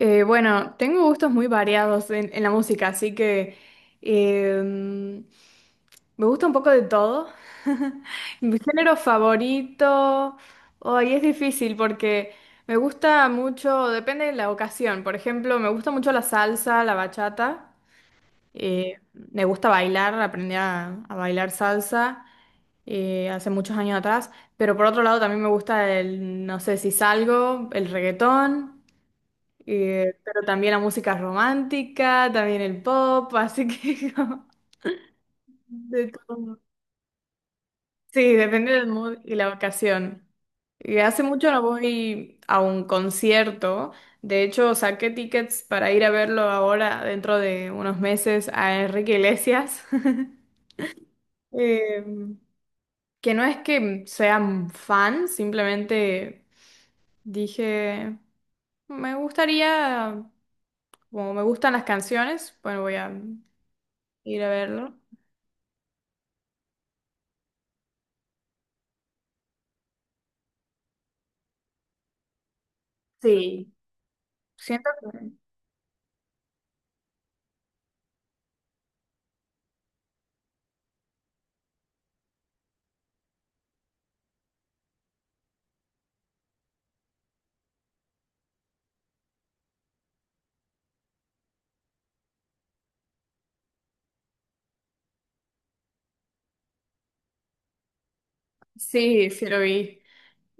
Bueno, tengo gustos muy variados en la música, así que me gusta un poco de todo. Mi género favorito, hoy es difícil porque me gusta mucho, depende de la ocasión. Por ejemplo, me gusta mucho la salsa, la bachata. Me gusta bailar, aprendí a bailar salsa hace muchos años atrás. Pero por otro lado también me gusta el, no sé si salgo, el reggaetón. Pero también la música romántica, también el pop, así que como de todo. Sí, depende del mood y la ocasión. Y hace mucho no voy a un concierto. De hecho, saqué tickets para ir a verlo ahora, dentro de unos meses, a Enrique Iglesias. Eh, que no es que sea un fan, simplemente dije, me gustaría, como me gustan las canciones, bueno, voy a ir a verlo. Sí, siento que sí, sí lo vi.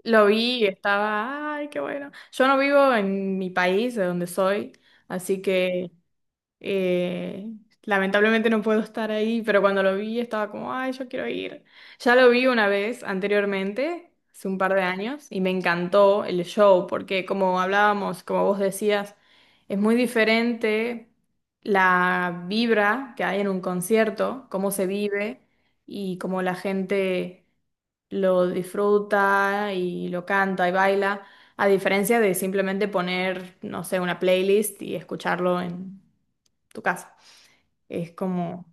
Lo vi y estaba, ay, qué bueno. Yo no vivo en mi país, de donde soy, así que Eh, lamentablemente no puedo estar ahí, pero cuando lo vi estaba como, ay, yo quiero ir. Ya lo vi una vez anteriormente, hace un par de años, y me encantó el show, porque como hablábamos, como vos decías, es muy diferente la vibra que hay en un concierto, cómo se vive y cómo la gente lo disfruta y lo canta y baila. A diferencia de simplemente poner, no sé, una playlist y escucharlo en tu casa. Es como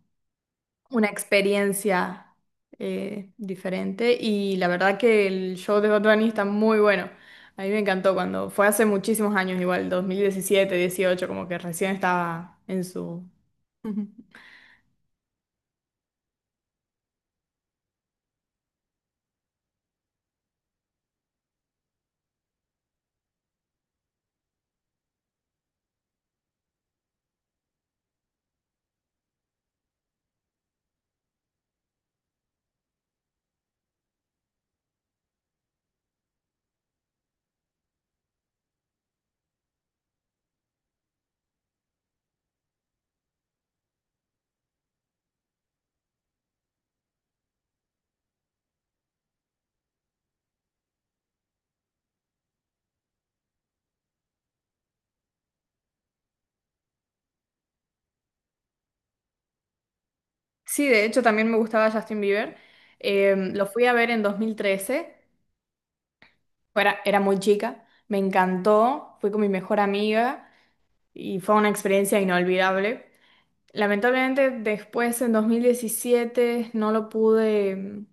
una experiencia diferente y la verdad que el show de Bad Bunny está muy bueno. A mí me encantó cuando fue hace muchísimos años, igual 2017 18 como que recién estaba en su... Ujú. Sí, de hecho también me gustaba Justin Bieber. Lo fui a ver en 2013. Era muy chica, me encantó, fui con mi mejor amiga y fue una experiencia inolvidable. Lamentablemente después en 2017 no lo pude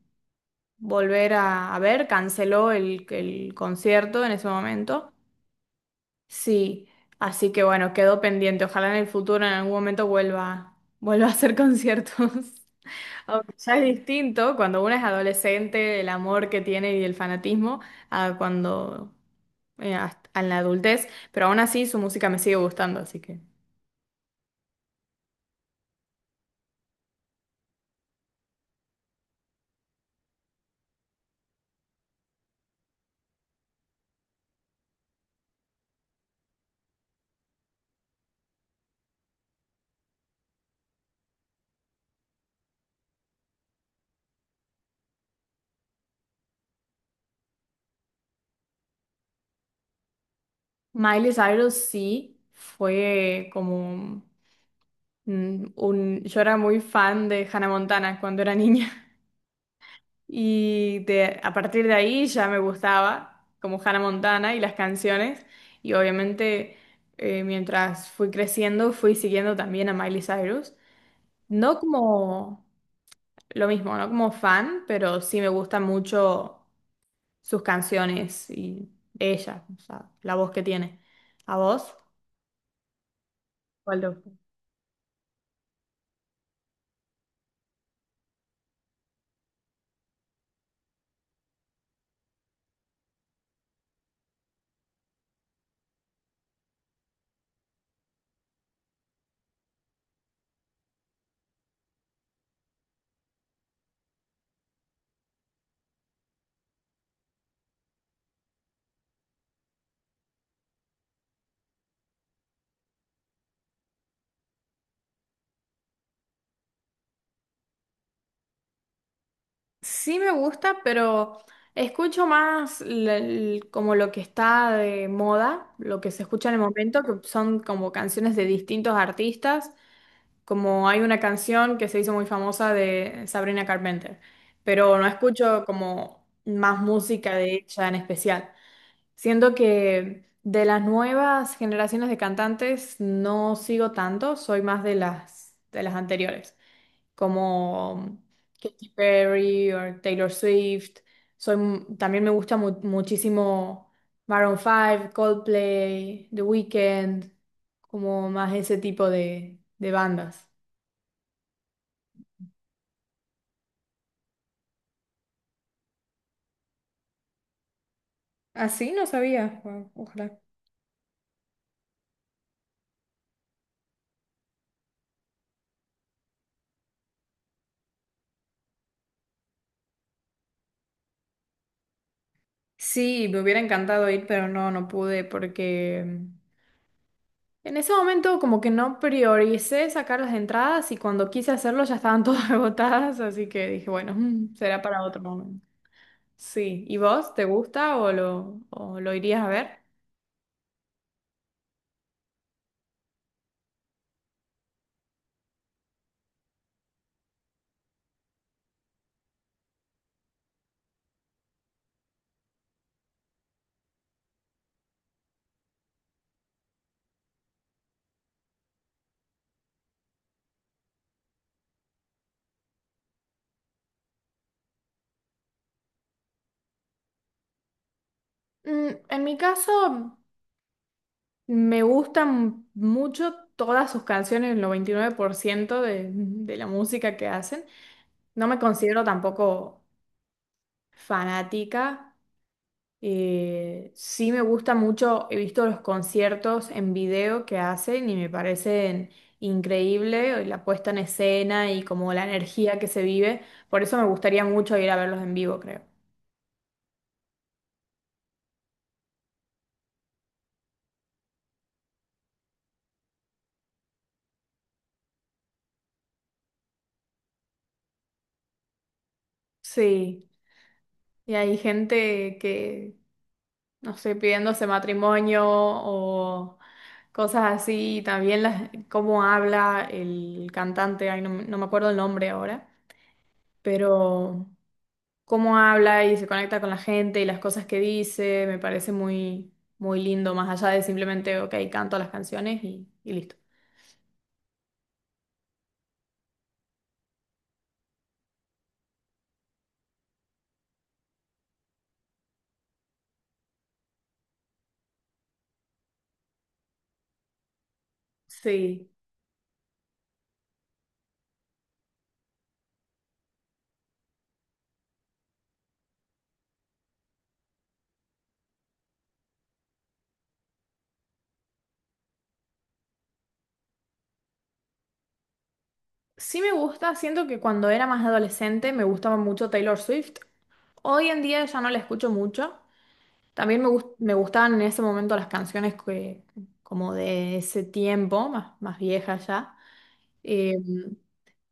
volver a ver, canceló el concierto en ese momento. Sí, así que bueno, quedó pendiente. Ojalá en el futuro, en algún momento, vuelva, vuelva a hacer conciertos. Aunque ya es distinto cuando uno es adolescente, el amor que tiene y el fanatismo, a cuando en la adultez, pero aún así su música me sigue gustando, así que. Miley Cyrus sí fue como un... Yo era muy fan de Hannah Montana cuando era niña. A partir de ahí ya me gustaba, como Hannah Montana y las canciones. Y obviamente, mientras fui creciendo, fui siguiendo también a Miley Cyrus. No como lo mismo, no como fan, pero sí me gustan mucho sus canciones y ella, o sea, la voz que tiene. ¿A vos? ¿Cuál te gusta? Sí me gusta, pero escucho más como lo que está de moda, lo que se escucha en el momento, que son como canciones de distintos artistas, como hay una canción que se hizo muy famosa de Sabrina Carpenter, pero no escucho como más música de ella en especial. Siento que de las nuevas generaciones de cantantes no sigo tanto, soy más de las anteriores como Katy Perry o Taylor Swift. También me gusta muchísimo Maroon 5, Coldplay, The Weeknd, como más ese tipo de bandas. Así no sabía. Guau, ojalá. Sí, me hubiera encantado ir, pero no, no pude porque en ese momento como que no prioricé sacar las entradas y cuando quise hacerlo ya estaban todas agotadas, así que dije, bueno, será para otro momento. Sí. ¿Y vos? ¿Te gusta o o lo irías a ver? En mi caso, me gustan mucho todas sus canciones, el 99% de la música que hacen. No me considero tampoco fanática. Sí me gusta mucho, he visto los conciertos en video que hacen y me parecen increíble la puesta en escena y como la energía que se vive. Por eso me gustaría mucho ir a verlos en vivo, creo. Sí. Y hay gente que, no sé, pidiéndose matrimonio o cosas así. Y también las, cómo habla el cantante, ay, no, me no me acuerdo el nombre ahora, pero cómo habla y se conecta con la gente y las cosas que dice, me parece muy, muy lindo, más allá de simplemente, ok, canto las canciones y listo. Sí, sí me gusta, siento que cuando era más adolescente me gustaba mucho Taylor Swift. Hoy en día ya no la escucho mucho. También me gustaban en ese momento las canciones que, como de ese tiempo, más, más viejas ya. Eh,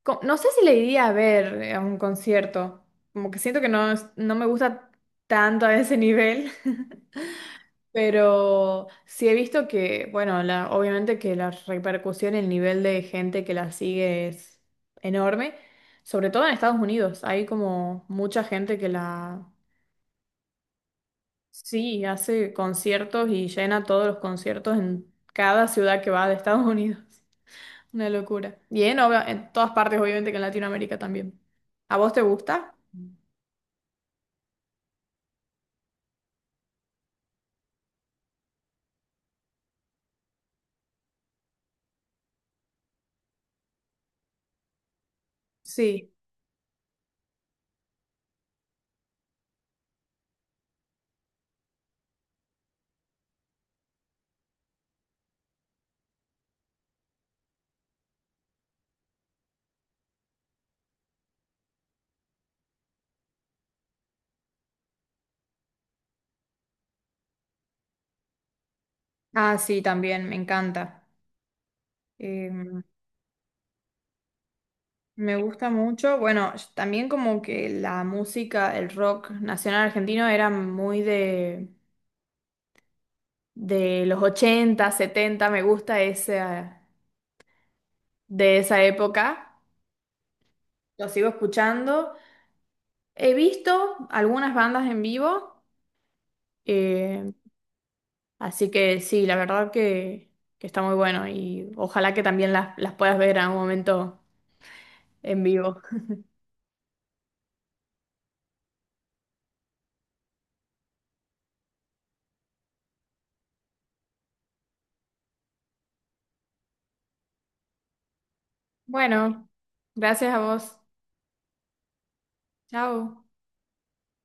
no sé si le iría a ver a un concierto, como que siento que no, no me gusta tanto a ese nivel, pero sí he visto que, bueno, obviamente que la repercusión, el nivel de gente que la sigue es enorme, sobre todo en Estados Unidos, hay como mucha gente que la... Sí, hace conciertos y llena todos los conciertos en cada ciudad que va de Estados Unidos. Una locura. Y en todas partes, obviamente, que en Latinoamérica también. ¿A vos te gusta? Sí. Ah, sí, también, me encanta. Eh, Me gusta mucho. Bueno, también como que la música, el rock nacional argentino era muy de los 80, 70. Me gusta ese, de esa época. Lo sigo escuchando. He visto algunas bandas en vivo, eh, así que sí, la verdad que está muy bueno y ojalá que también las puedas ver a un momento en vivo. Bueno, gracias a vos. Chao.